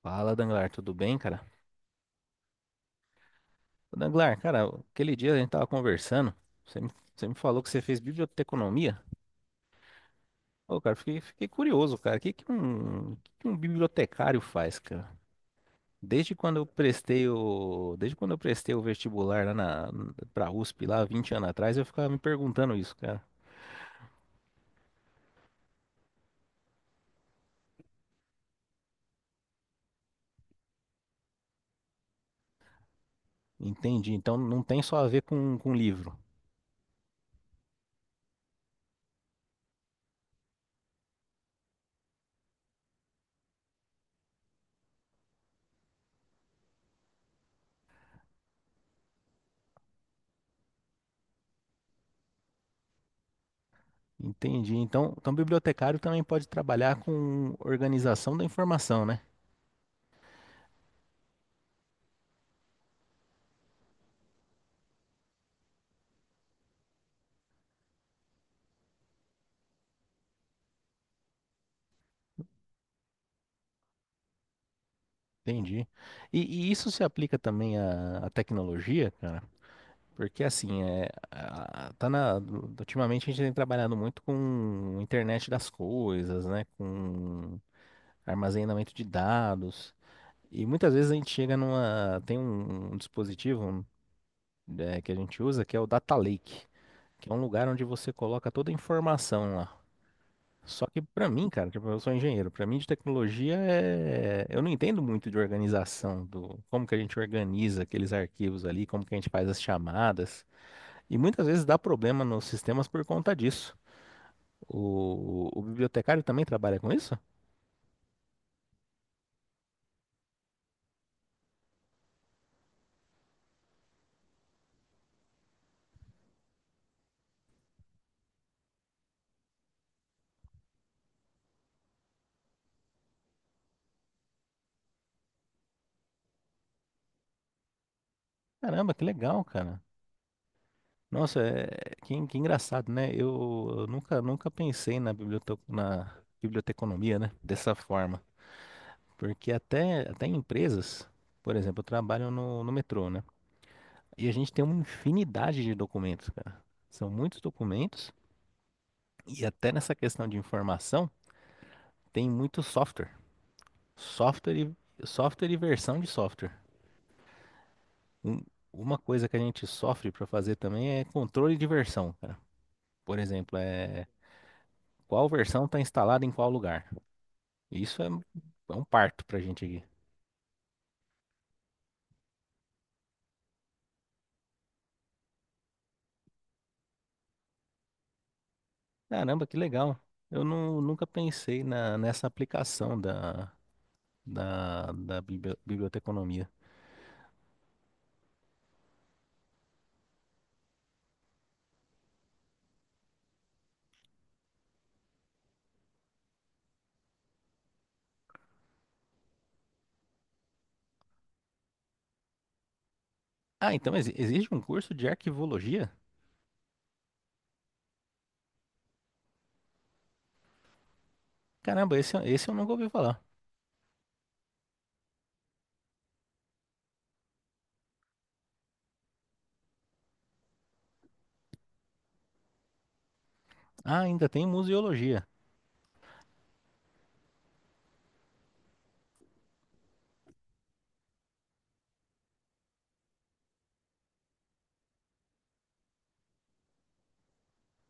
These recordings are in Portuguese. Fala, Danglar, tudo bem, cara? Ô, Danglar, cara, aquele dia a gente tava conversando, você me falou que você fez biblioteconomia. Ô, cara, fiquei curioso, cara, o que que um bibliotecário faz, cara? Desde quando eu prestei o, desde quando eu prestei o vestibular pra USP, lá 20 anos atrás, eu ficava me perguntando isso, cara. Entendi, então não tem só a ver com livro. Entendi, então, então bibliotecário também pode trabalhar com organização da informação, né? Entendi. E, e isso se aplica também à tecnologia, cara? Porque assim, é, ultimamente a gente tem trabalhado muito com internet das coisas, né? Com armazenamento de dados. E muitas vezes a gente chega numa. Tem um dispositivo, é, que a gente usa que é o Data Lake, que é um lugar onde você coloca toda a informação lá. Só que pra mim, cara, tipo, eu sou engenheiro, pra mim de tecnologia é eu não entendo muito de organização, do como que a gente organiza aqueles arquivos ali, como que a gente faz as chamadas. E muitas vezes dá problema nos sistemas por conta disso. O bibliotecário também trabalha com isso? Caramba, que legal, cara. Nossa, é que engraçado, né? Eu nunca pensei na biblioteconomia, né? Dessa forma. Porque até em empresas, por exemplo, eu trabalho no metrô, né? E a gente tem uma infinidade de documentos, cara. São muitos documentos e até nessa questão de informação tem muito software. Software e versão de software. Um- uma coisa que a gente sofre para fazer também é controle de versão, cara. Por exemplo, é qual versão está instalada em qual lugar. Isso é um parto pra gente aqui. Caramba, que legal. Eu nunca pensei nessa aplicação da biblioteconomia. Ah, então existe um curso de arquivologia? Caramba, esse eu nunca ouvi falar. Ah, ainda tem museologia.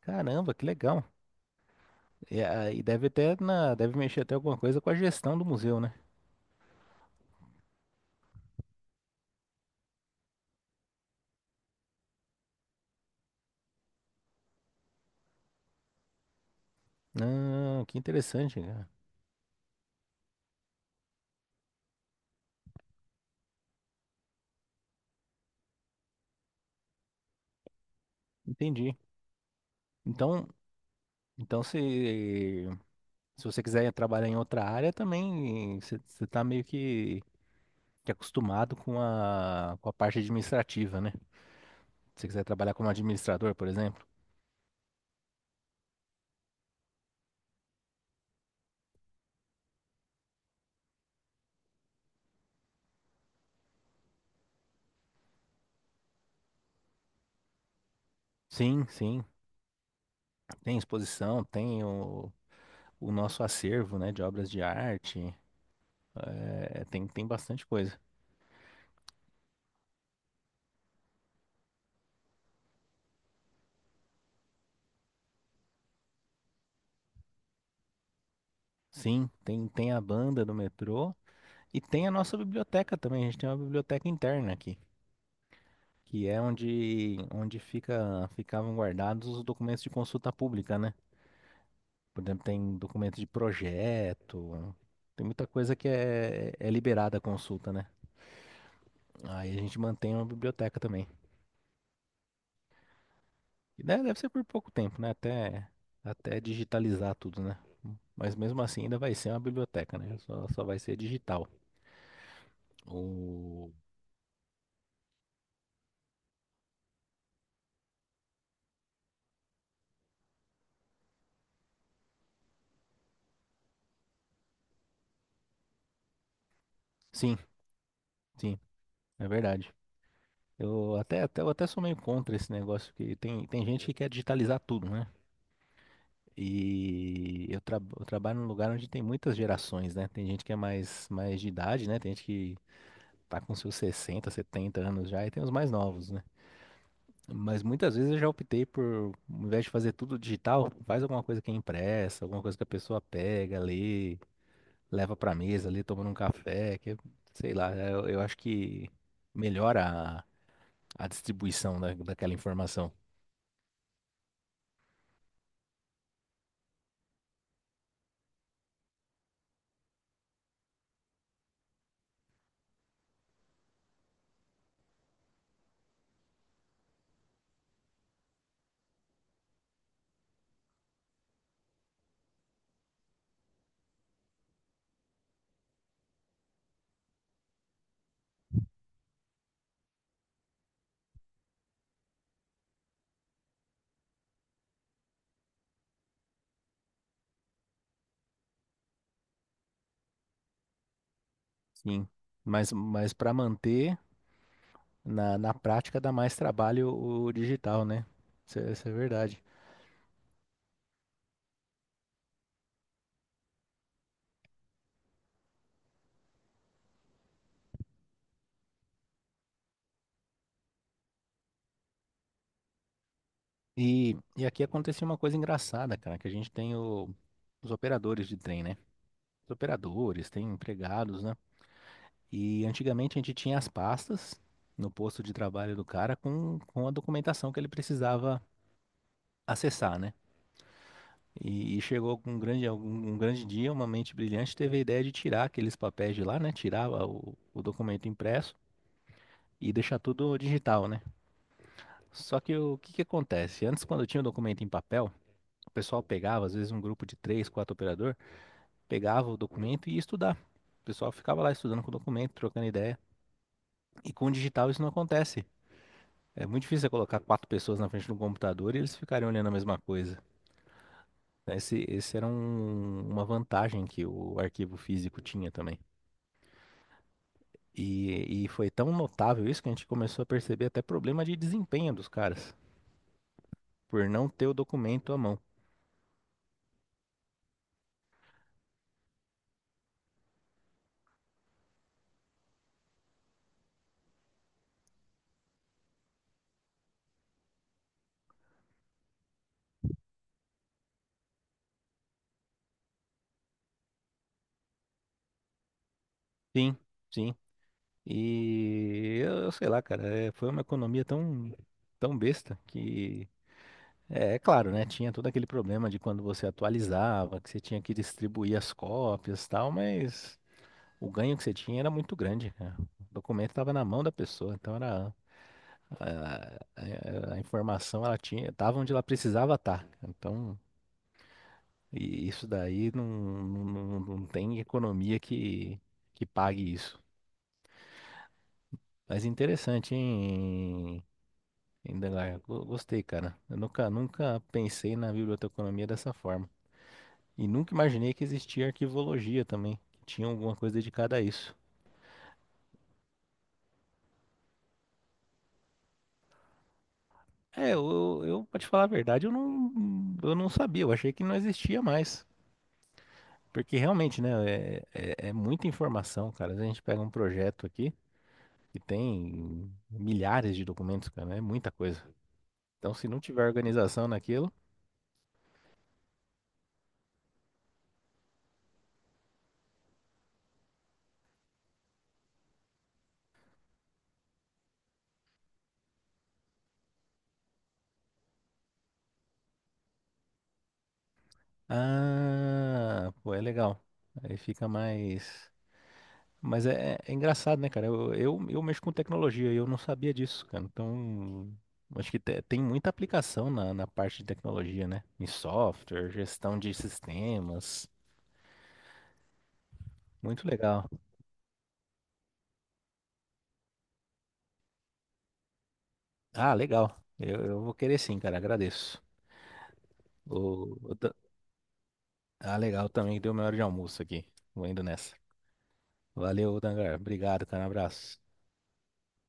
Caramba, que legal. E deve mexer até alguma coisa com a gestão do museu, né? Ah, que interessante, cara. Entendi. Então, então se você quiser trabalhar em outra área também, você está meio que acostumado com a parte administrativa, né? Se você quiser trabalhar como administrador, por exemplo. Sim, sim. Tem exposição, tem o nosso acervo, né, de obras de arte. É, tem bastante coisa. Sim, tem a banda do metrô e tem a nossa biblioteca também. A gente tem uma biblioteca interna aqui, que é onde ficavam guardados os documentos de consulta pública, né? Por exemplo, tem documentos de projeto, tem muita coisa que é liberada a consulta, né? Aí a gente mantém uma biblioteca também. Deve ser por pouco tempo, né? Até digitalizar tudo, né? Mas mesmo assim ainda vai ser uma biblioteca, né? Só vai ser digital. O... Sim, sim, é verdade. Eu até sou meio contra esse negócio que tem gente que quer digitalizar tudo, né? E eu trabalho num lugar onde tem muitas gerações, né? Tem gente que é mais de idade, né? Tem gente que tá com seus 60, 70 anos já e tem os mais novos, né? Mas muitas vezes eu já optei por, ao invés de fazer tudo digital, faz alguma coisa que é impressa, alguma coisa que a pessoa pega, lê, leva pra mesa ali, tomando um café, que, é, sei lá, eu acho que melhora a distribuição daquela informação. Sim. Mas para manter, na prática dá mais trabalho o digital, né? Isso, é isso é verdade. E aqui aconteceu uma coisa engraçada, cara, que a gente tem os operadores de trem, né? Os operadores, tem empregados, né? E antigamente a gente tinha as pastas no posto de trabalho do cara com a documentação que ele precisava acessar, né? E chegou com um grande dia, uma mente brilhante teve a ideia de tirar aqueles papéis de lá, né? Tirar o documento impresso e deixar tudo digital, né? Só que o que que acontece? Antes, quando tinha o documento em papel, o pessoal pegava, às vezes um grupo de três, quatro operador, pegava o documento e ia estudar. O pessoal ficava lá estudando com o documento, trocando ideia. E com o digital isso não acontece. É muito difícil você colocar quatro pessoas na frente de um computador e eles ficarem olhando a mesma coisa. Esse era uma vantagem que o arquivo físico tinha também. E foi tão notável isso que a gente começou a perceber até problema de desempenho dos caras, por não ter o documento à mão. Sim, sim. E eu sei lá, cara, é, foi uma economia tão, tão besta que. É claro, né? Tinha todo aquele problema de quando você atualizava, que você tinha que distribuir as cópias e tal, mas. O ganho que você tinha era muito grande, cara. O documento estava na mão da pessoa, então era a informação ela tinha, estava onde ela precisava estar. Então, e isso daí não tem economia que pague isso. Mas interessante, hein, Indelar? Gostei, cara. Eu nunca, nunca pensei na biblioteconomia dessa forma. E nunca imaginei que existia arquivologia também, que tinha alguma coisa dedicada a isso. É, pra te falar a verdade, eu não sabia, eu achei que não existia mais. Porque realmente, né, é muita informação, cara. Às vezes a gente pega um projeto aqui que tem milhares de documentos, cara, né, é muita coisa. Então, se não tiver organização naquilo, ah, pô, é legal. Aí fica mais. Mas é engraçado, né, cara? Eu mexo com tecnologia e eu não sabia disso, cara. Então, acho que tem muita aplicação na parte de tecnologia, né? Em software, gestão de sistemas. Muito legal. Ah, legal. Eu vou querer sim, cara. Agradeço. O, o Dan- Legal também. Deu minha hora de almoço aqui. Vou indo nessa. Valeu, Dangar. Obrigado, cara. Um abraço.